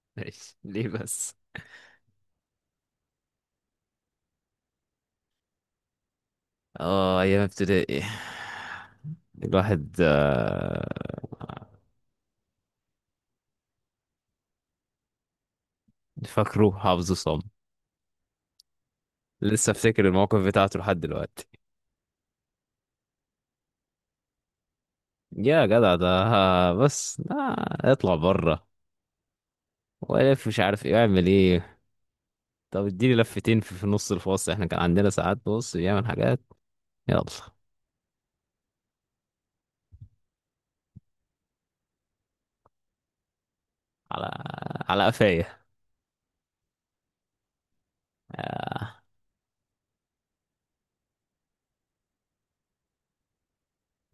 ماشي ليه بس. اه، ايام ابتدائي، الواحد. فاكره حافظه صم. لسه افتكر الموقف بتاعته لحد دلوقتي. يا جدع ده، بس اطلع بره، والف مش عارف ايه اعمل ايه. طب اديني لفتين في نص الفاصل، احنا كان عندنا ساعات بص بيعمل حاجات. يلا على على قفايا. آه،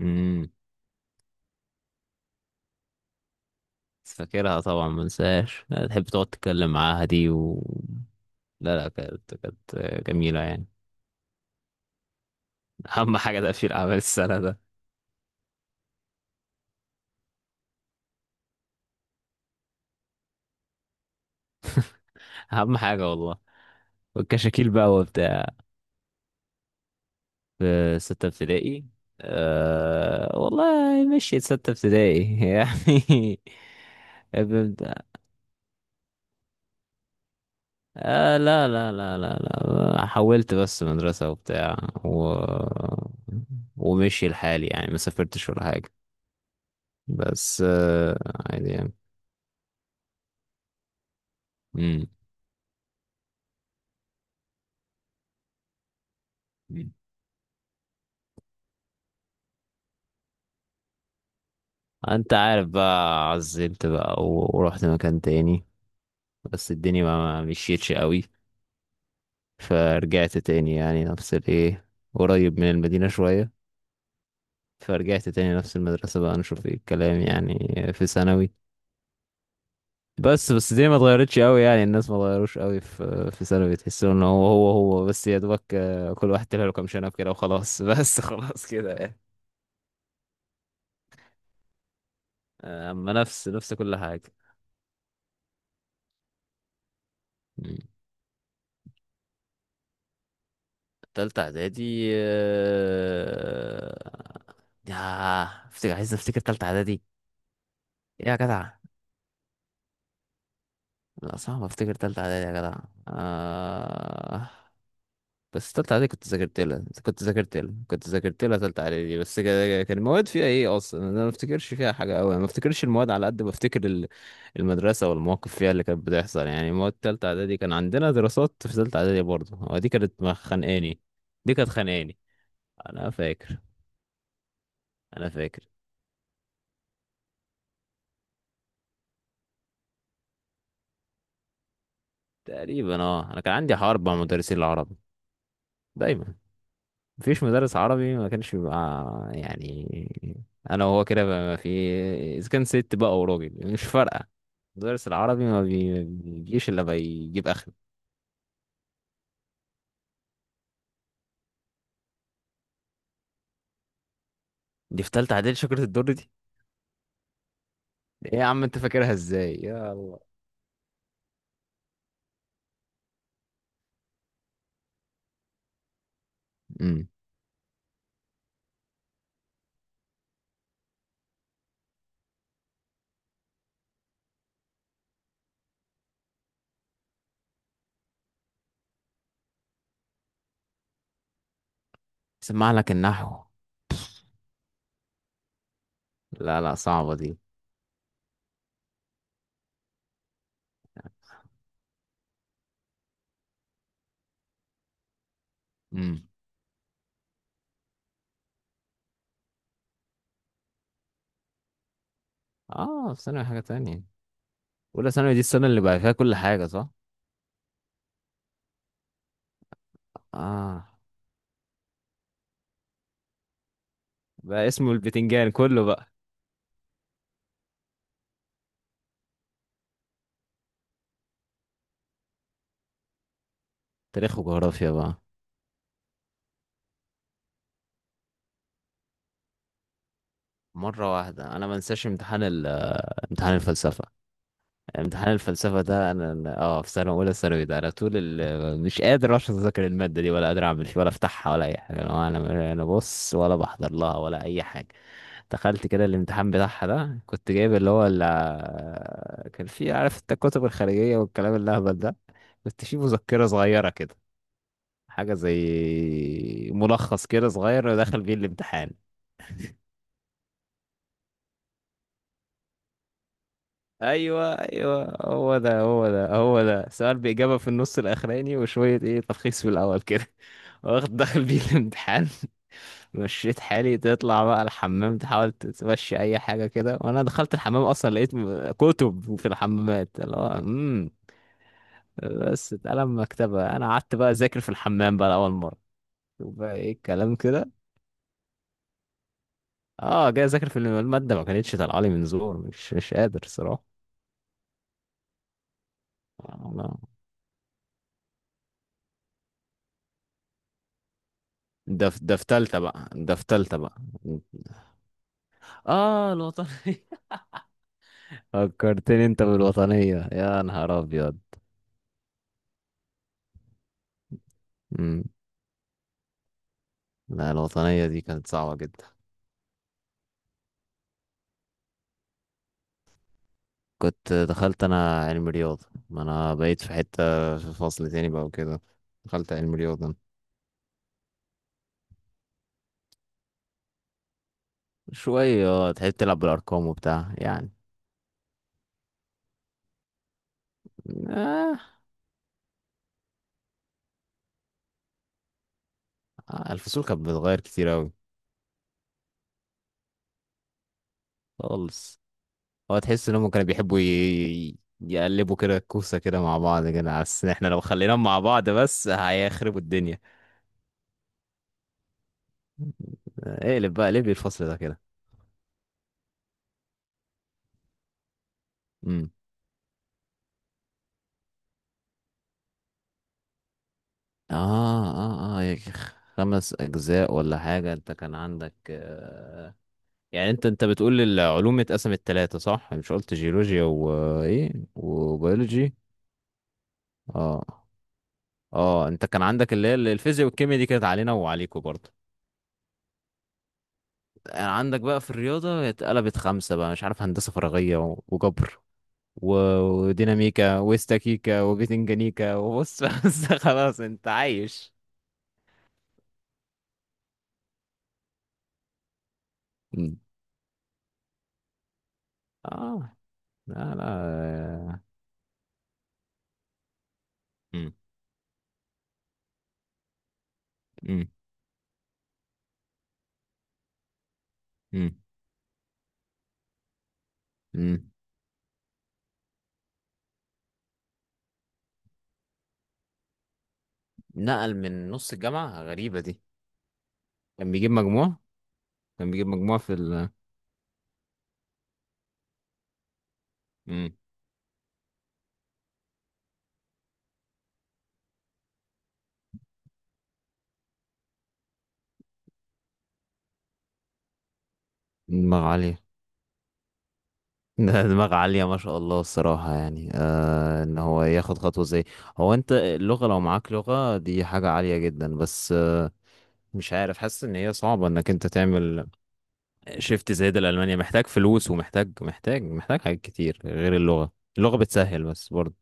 امم. فاكرها طبعا، ما انساش، تحب تقعد تتكلم معاها دي و... لا لا، كانت جميلة يعني. اهم حاجه تقفيل اعمال السنه ده، اهم حاجه والله، والكشاكيل بقى وبتاع. في ستة ابتدائي؟ أه والله، مشيت ستة ابتدائي يعني. بنبدأ. آه لا لا لا لا، لا حولت بس مدرسة وبتاع و... ومشي الحال يعني، ما سافرتش ولا حاجة. بس عادي يعني. مم. انت عارف، بقى عزلت بقى و... ورحت مكان تاني. بس الدنيا ما مشيتش قوي، فرجعت تاني يعني نفس الايه، قريب من المدينة شوية. فرجعت تاني نفس المدرسة بقى، نشوف ايه الكلام يعني في ثانوي. بس دي ما اتغيرتش قوي، يعني الناس ما اتغيروش قوي في ثانوي. تحسوا ان هو بس، يا دوبك كل واحد طلع له كام شنب كده وخلاص بس خلاص كده يعني. اما نفس كل حاجة. مم. تالتة اعدادي. يا عايز افتكر تالتة اعدادي. ايه يا جدع، لا صعب افتكر تالتة اعدادي يا جدع. آه... بس تالتة اعدادي، كنت ذاكرت لها كنت ذاكرت لها كنت ذاكرت لها تالتة اعدادي. بس كان المواد فيها ايه اصلا، انا ما افتكرش فيها حاجة قوي. ما افتكرش المواد على قد ما افتكر المدرسة والمواقف فيها اللي كانت بتحصل يعني. مواد تالتة اعدادي كان عندنا دراسات في تالتة اعدادي برضه، هو دي كانت خانقاني. دي كانت خانقاني. انا فاكر. انا فاكر. تقريبا اه، انا كان عندي حرب مع مدرسين العربي دايما. مفيش مدرس عربي ما كانش بيبقى، يعني، انا وهو كده بقى ما في. اذا كان ست بقى وراجل مش فارقه، المدرس العربي ما بيجيش الا بيجيب اخره. دي في تالتة اعدادي شجرة الدر دي. ايه يا عم انت فاكرها ازاي، يا الله. امم. سمع لك النحو؟ لا لا، صعبه دي. امم. اه، في ثانوي حاجه تانية. اولى ثانوي دي السنه اللي بقى فيها كل حاجه صح. اه بقى اسمه البتنجان كله بقى. تاريخ وجغرافيا بقى. مره واحده انا ما انساش امتحان امتحان الفلسفه، امتحان الفلسفة ده، في سنة أولى ثانوي ده، أنا مش قادر أصلا أذاكر المادة دي، ولا قادر أعمل فيها، ولا أفتحها، ولا أي حاجة. أنا بص، ولا بحضر لها ولا أي حاجة. دخلت كده الامتحان بتاعها ده، كنت جايب اللي هو كان فيه، عارف أنت الكتب الخارجية والكلام الأهبل ده، كنت فيه مذكرة صغيرة كده، حاجة زي ملخص كده صغير، ودخل بيه الامتحان. ايوه ايوه، هو ده هو ده هو ده سؤال باجابه في النص الاخراني، وشويه ايه تلخيص في الاول كده. واخد دخل بيه الامتحان. مشيت حالي تطلع بقى الحمام، تحاول تمشي اي حاجه كده، وانا دخلت الحمام اصلا لقيت كتب في الحمامات، اللي هو بس اتقلم مكتبه، انا قعدت بقى اذاكر في الحمام بقى لاول مره، وبقى ايه الكلام كده. اه جاي اذاكر في الماده، ما كانتش طالعه لي من زور، مش قادر. صراحه. ده في تالتة بقى، ده في تالتة بقى. اه، الوطنية. فكرتني انت بالوطنية، يا نهار ابيض. مم. لا الوطنية دي كانت صعبة جدا. كنت دخلت انا علم رياضة، ما انا بقيت في حتة، في فصل تاني بقى وكده، دخلت علم رياضة. شوية اه، تحب تلعب بالارقام وبتاع يعني. آه. الفصول كانت بتتغير كتير اوي. خالص. هو تحس انهم كانوا بيحبوا يقلبوا كده الكوسة كده مع بعض كده، بس احنا لو خليناهم مع بعض بس هيخربوا الدنيا. اقلب بقى ليه الفصل ده كده. امم. اه، اه اه يا أخي، خمس اجزاء ولا حاجة، انت كان عندك يعني انت بتقول العلوم اتقسمت ثلاثة صح؟ يعني مش قلت جيولوجيا وايه وبيولوجي. اه. اه انت كان عندك اللي هي الفيزياء والكيمياء، دي كانت علينا وعليكوا برضه. يعني عندك بقى في الرياضة اتقلبت خمسة بقى، مش عارف هندسة فراغية وجبر وديناميكا واستاتيكا وبتنجانيكا وبص بس خلاص انت عايش. مم. اه، لا لا. مم. مم. مم. مم. نقل من نص الجامعة، غريبة دي. كان بيجيب مجموع. كان بيجيب مجموع في مم. دماغ عالية ده دماغ عالية ما شاء الله الصراحة، يعني ان هو ياخد خطوة زي. هو انت اللغة، لو معاك لغة دي حاجة عالية جدا، بس مش عارف، حاسس ان هي صعبه انك انت تعمل شيفت زي ده لالمانيا، محتاج فلوس، ومحتاج محتاج محتاج حاجات كتير غير اللغه. اللغه بتسهل بس برضه.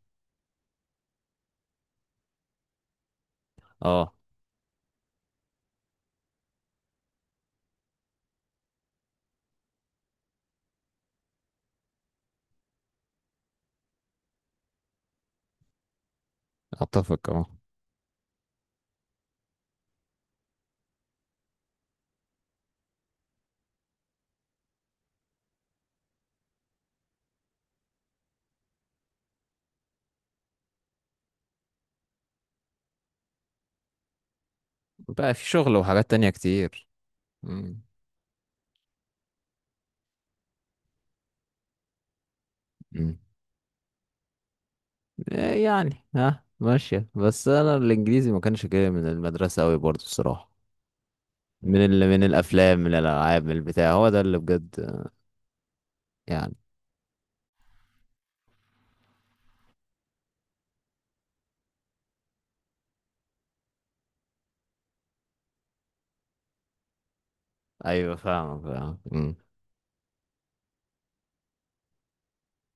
اه. اتفق اه. بقى في شغل وحاجات تانية كتير. مم. مم. إيه يعني، ها ماشيه، بس انا الانجليزي ما كانش جاي من المدرسه قوي برضه الصراحه، من من الافلام، من الالعاب، من البتاع، هو ده اللي بجد يعني. ايوه فاهمك، فاهم. مم.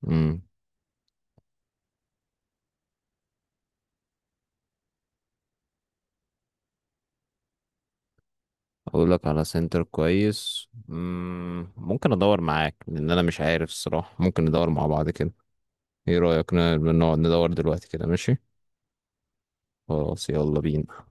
مم. اقول لك على سنتر كويس، مم، ممكن ادور معاك لان انا مش عارف الصراحة، ممكن ندور مع بعض كده. ايه رأيك نقعد ندور دلوقتي كده، ماشي؟ خلاص يلا بينا.